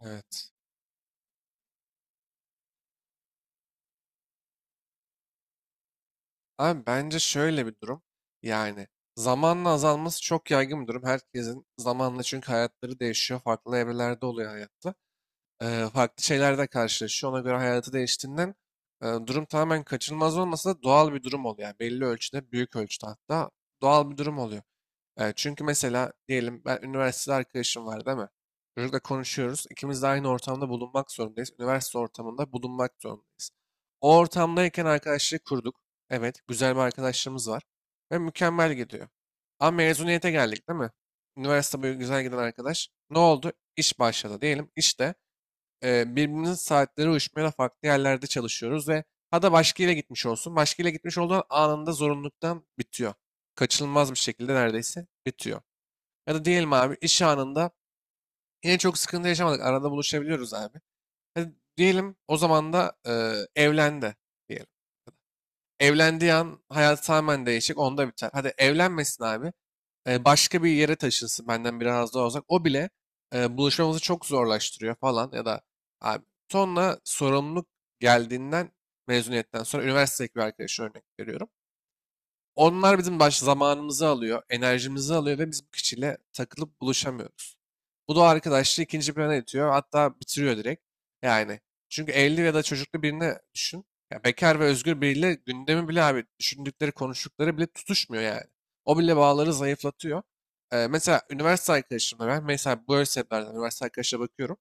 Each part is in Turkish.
Evet. Abi bence şöyle bir durum. Yani zamanla azalması çok yaygın bir durum. Herkesin zamanla çünkü hayatları değişiyor. Farklı evrelerde oluyor hayatta. Farklı şeylerle karşılaşıyor. Ona göre hayatı değiştiğinden durum tamamen kaçınılmaz olmasa da doğal bir durum oluyor. Yani belli ölçüde, büyük ölçüde hatta doğal bir durum oluyor. Çünkü mesela diyelim ben üniversitede arkadaşım var, değil mi? Çocukla konuşuyoruz. İkimiz de aynı ortamda bulunmak zorundayız. Üniversite ortamında bulunmak zorundayız. O ortamdayken arkadaşlığı kurduk. Evet, güzel bir arkadaşlığımız var ve mükemmel gidiyor. Ama mezuniyete geldik, değil mi? Üniversite boyu güzel giden arkadaş. Ne oldu? İş başladı diyelim. İşte birbirimizin saatleri uyuşmayan farklı yerlerde çalışıyoruz ve ha da başka yere gitmiş olsun. Başka yere gitmiş olduğun anında zorunluluktan bitiyor. Kaçınılmaz bir şekilde neredeyse bitiyor. Ya da diyelim abi iş anında yine çok sıkıntı yaşamadık. Arada buluşabiliyoruz abi. Hadi diyelim, o zaman da evlendi diyelim. Evlendiği an hayat tamamen değişik, onda biter. Hadi evlenmesin abi, başka bir yere taşınsın benden biraz daha uzak. O bile buluşmamızı çok zorlaştırıyor falan. Ya da abi, sonra sorumluluk geldiğinden mezuniyetten sonra üniversitedeki bir arkadaşı örnek veriyorum. Onlar bizim baş zamanımızı alıyor, enerjimizi alıyor ve biz bu kişiyle takılıp buluşamıyoruz. Bu da o arkadaşlığı ikinci plana itiyor, hatta bitiriyor direkt. Yani çünkü evli ya da çocuklu birini düşün. Ya bekar ve özgür biriyle gündemi bile abi, düşündükleri, konuştukları bile tutuşmuyor yani. O bile bağları zayıflatıyor. Mesela üniversite arkadaşımla ben, mesela böyle sebeplerden üniversite arkadaşa bakıyorum.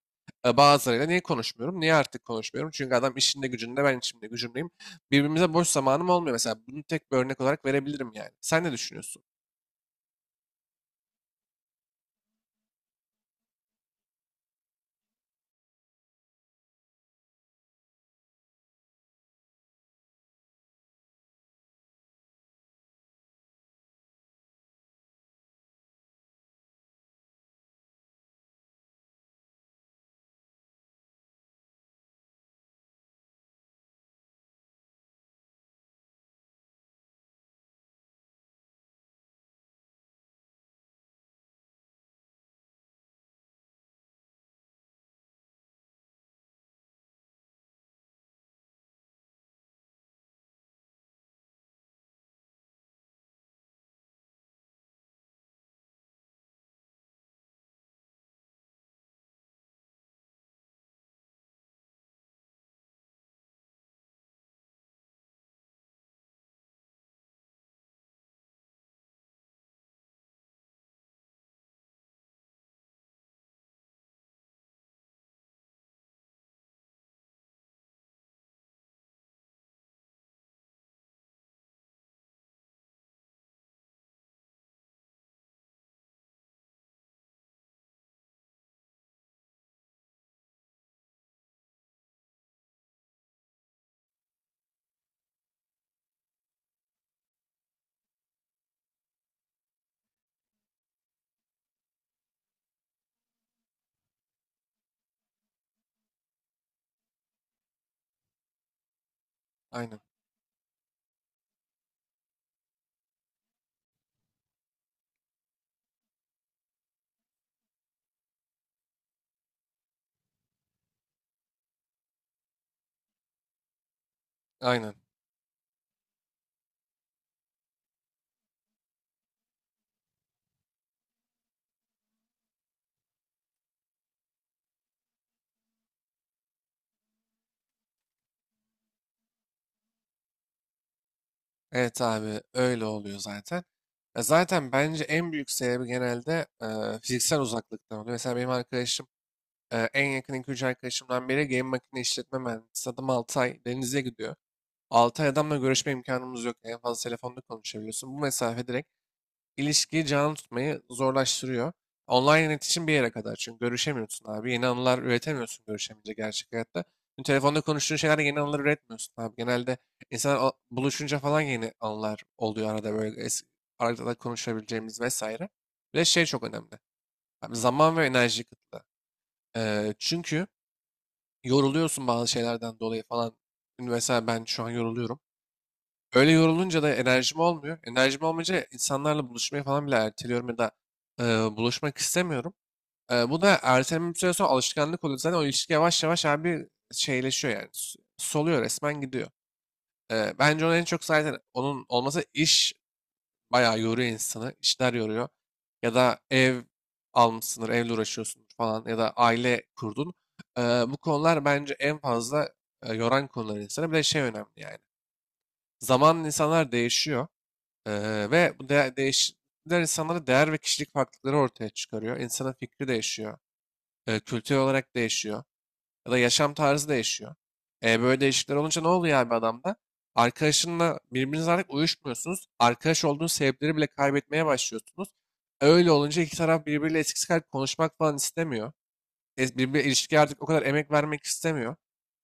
Bazılarıyla niye konuşmuyorum? Niye artık konuşmuyorum? Çünkü adam işinde gücünde, ben işimde gücümdeyim. Birbirimize boş zamanım olmuyor mesela. Bunu tek bir örnek olarak verebilirim yani. Sen ne düşünüyorsun? Aynen. Aynen. Evet abi, öyle oluyor zaten. Ya zaten bence en büyük sebebi genelde fiziksel uzaklıktan oluyor. Mesela benim arkadaşım, en yakın 2-3 arkadaşımdan biri game makine işletme mühendisi. Adam 6 ay denize gidiyor. 6 ay adamla görüşme imkanımız yok. En fazla telefonda konuşabiliyorsun. Bu mesafe direkt ilişkiyi canlı tutmayı zorlaştırıyor. Online iletişim bir yere kadar, çünkü görüşemiyorsun abi. Yeni anılar üretemiyorsun görüşemeyince, gerçek hayatta. Şimdi telefonda konuştuğun şeylerde yeni anılar üretmiyorsun abi. Genelde insanlar buluşunca falan yeni anılar oluyor, arada böyle arada da konuşabileceğimiz vesaire. Ve şey çok önemli. Abi, zaman ve enerji kıtlığı. Çünkü yoruluyorsun bazı şeylerden dolayı falan. Mesela ben şu an yoruluyorum. Öyle yorulunca da enerjim olmuyor. Enerjim olmayınca insanlarla buluşmayı falan bile erteliyorum, ya da e, buluşmak istemiyorum. Bu da erteleme bir süre sonra alışkanlık oluyor. Zaten o ilişki yavaş yavaş abi şeyleşiyor yani. Soluyor, resmen gidiyor. Bence onun en çok zaten onun olması, iş bayağı yoruyor insanı. İşler yoruyor. Ya da ev almışsındır, evle uğraşıyorsun falan, ya da aile kurdun. Bu konular bence en fazla yoran konular insanı. Bir de şey önemli yani. Zamanla insanlar değişiyor. Ve bu de insanlara değer ve kişilik farklılıkları ortaya çıkarıyor. İnsanın fikri değişiyor. Kültür olarak değişiyor. Ya da yaşam tarzı değişiyor. Böyle değişiklikler olunca ne oluyor abi adamda? Arkadaşınla birbirinizle artık uyuşmuyorsunuz. Arkadaş olduğunuz sebepleri bile kaybetmeye başlıyorsunuz. Öyle olunca iki taraf birbiriyle eskisi kadar konuşmak falan istemiyor, birbirine, ilişkiye artık o kadar emek vermek istemiyor.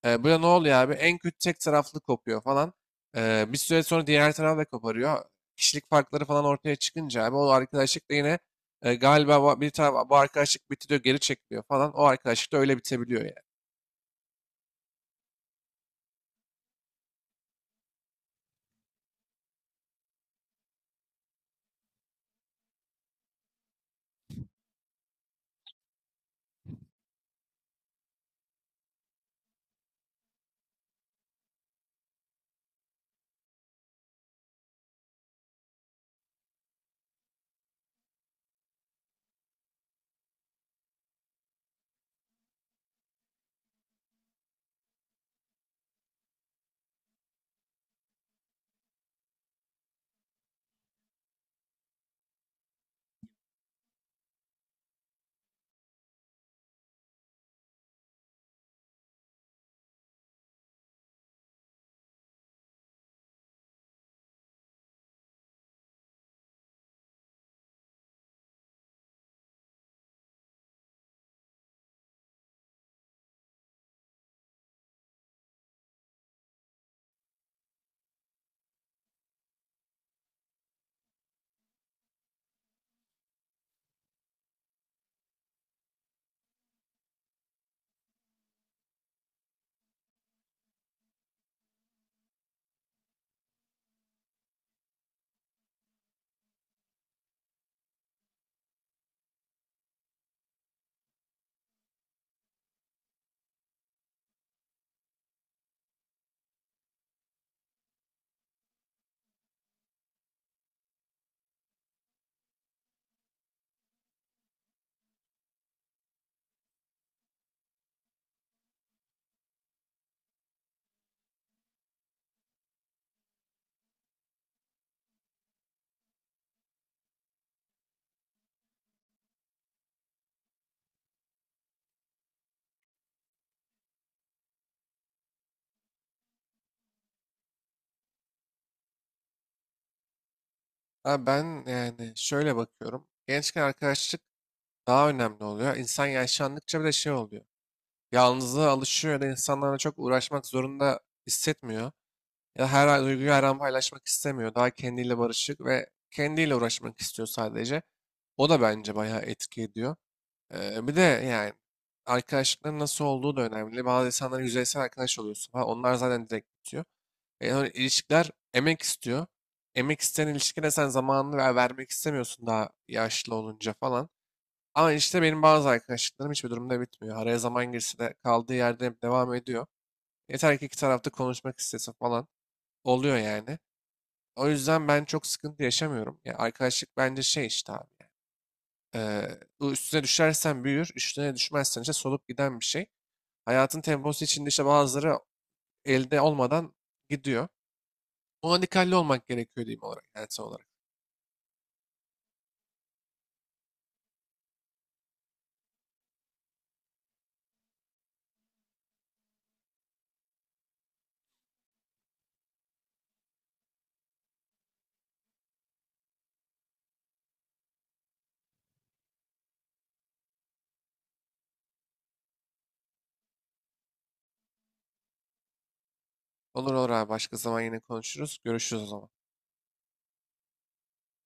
Böyle ne oluyor abi? En kötü, tek taraflı kopuyor falan. Bir süre sonra diğer taraf da koparıyor. Kişilik farkları falan ortaya çıkınca abi, o arkadaşlık da yine galiba bir taraf bu arkadaşlık bitti diyor, geri çekiliyor falan. O arkadaşlık da öyle bitebiliyor yani. Abi ben yani şöyle bakıyorum. Gençken arkadaşlık daha önemli oluyor. İnsan yaşlandıkça bir de şey oluyor. Yalnızlığa alışıyor ya da insanlarla çok uğraşmak zorunda hissetmiyor. Ya da her an duyguyu, her an paylaşmak istemiyor. Daha kendiyle barışık ve kendiyle uğraşmak istiyor sadece. O da bence bayağı etki ediyor. Bir de yani arkadaşlıkların nasıl olduğu da önemli. Bazı insanların yüzeysel arkadaş oluyorsun falan. Onlar zaten direkt bitiyor. Yani öyle ilişkiler emek istiyor. Emek isteyen ilişkide sen zamanını ver, vermek istemiyorsun daha yaşlı olunca falan. Ama işte benim bazı arkadaşlıklarım hiçbir durumda bitmiyor. Araya zaman girse de kaldığı yerde hep devam ediyor. Yeter ki iki tarafta konuşmak istesin falan. Oluyor yani. O yüzden ben çok sıkıntı yaşamıyorum. Ya arkadaşlık bence şey işte abi. Bu, üstüne düşersen büyür, üstüne düşmezsen işte solup giden bir şey. Hayatın temposu içinde işte bazıları elde olmadan gidiyor. Ona dikkatli olmak gerekiyor diyeyim olarak, yani son olarak. Olur olur abi, başka zaman yine konuşuruz. Görüşürüz o zaman.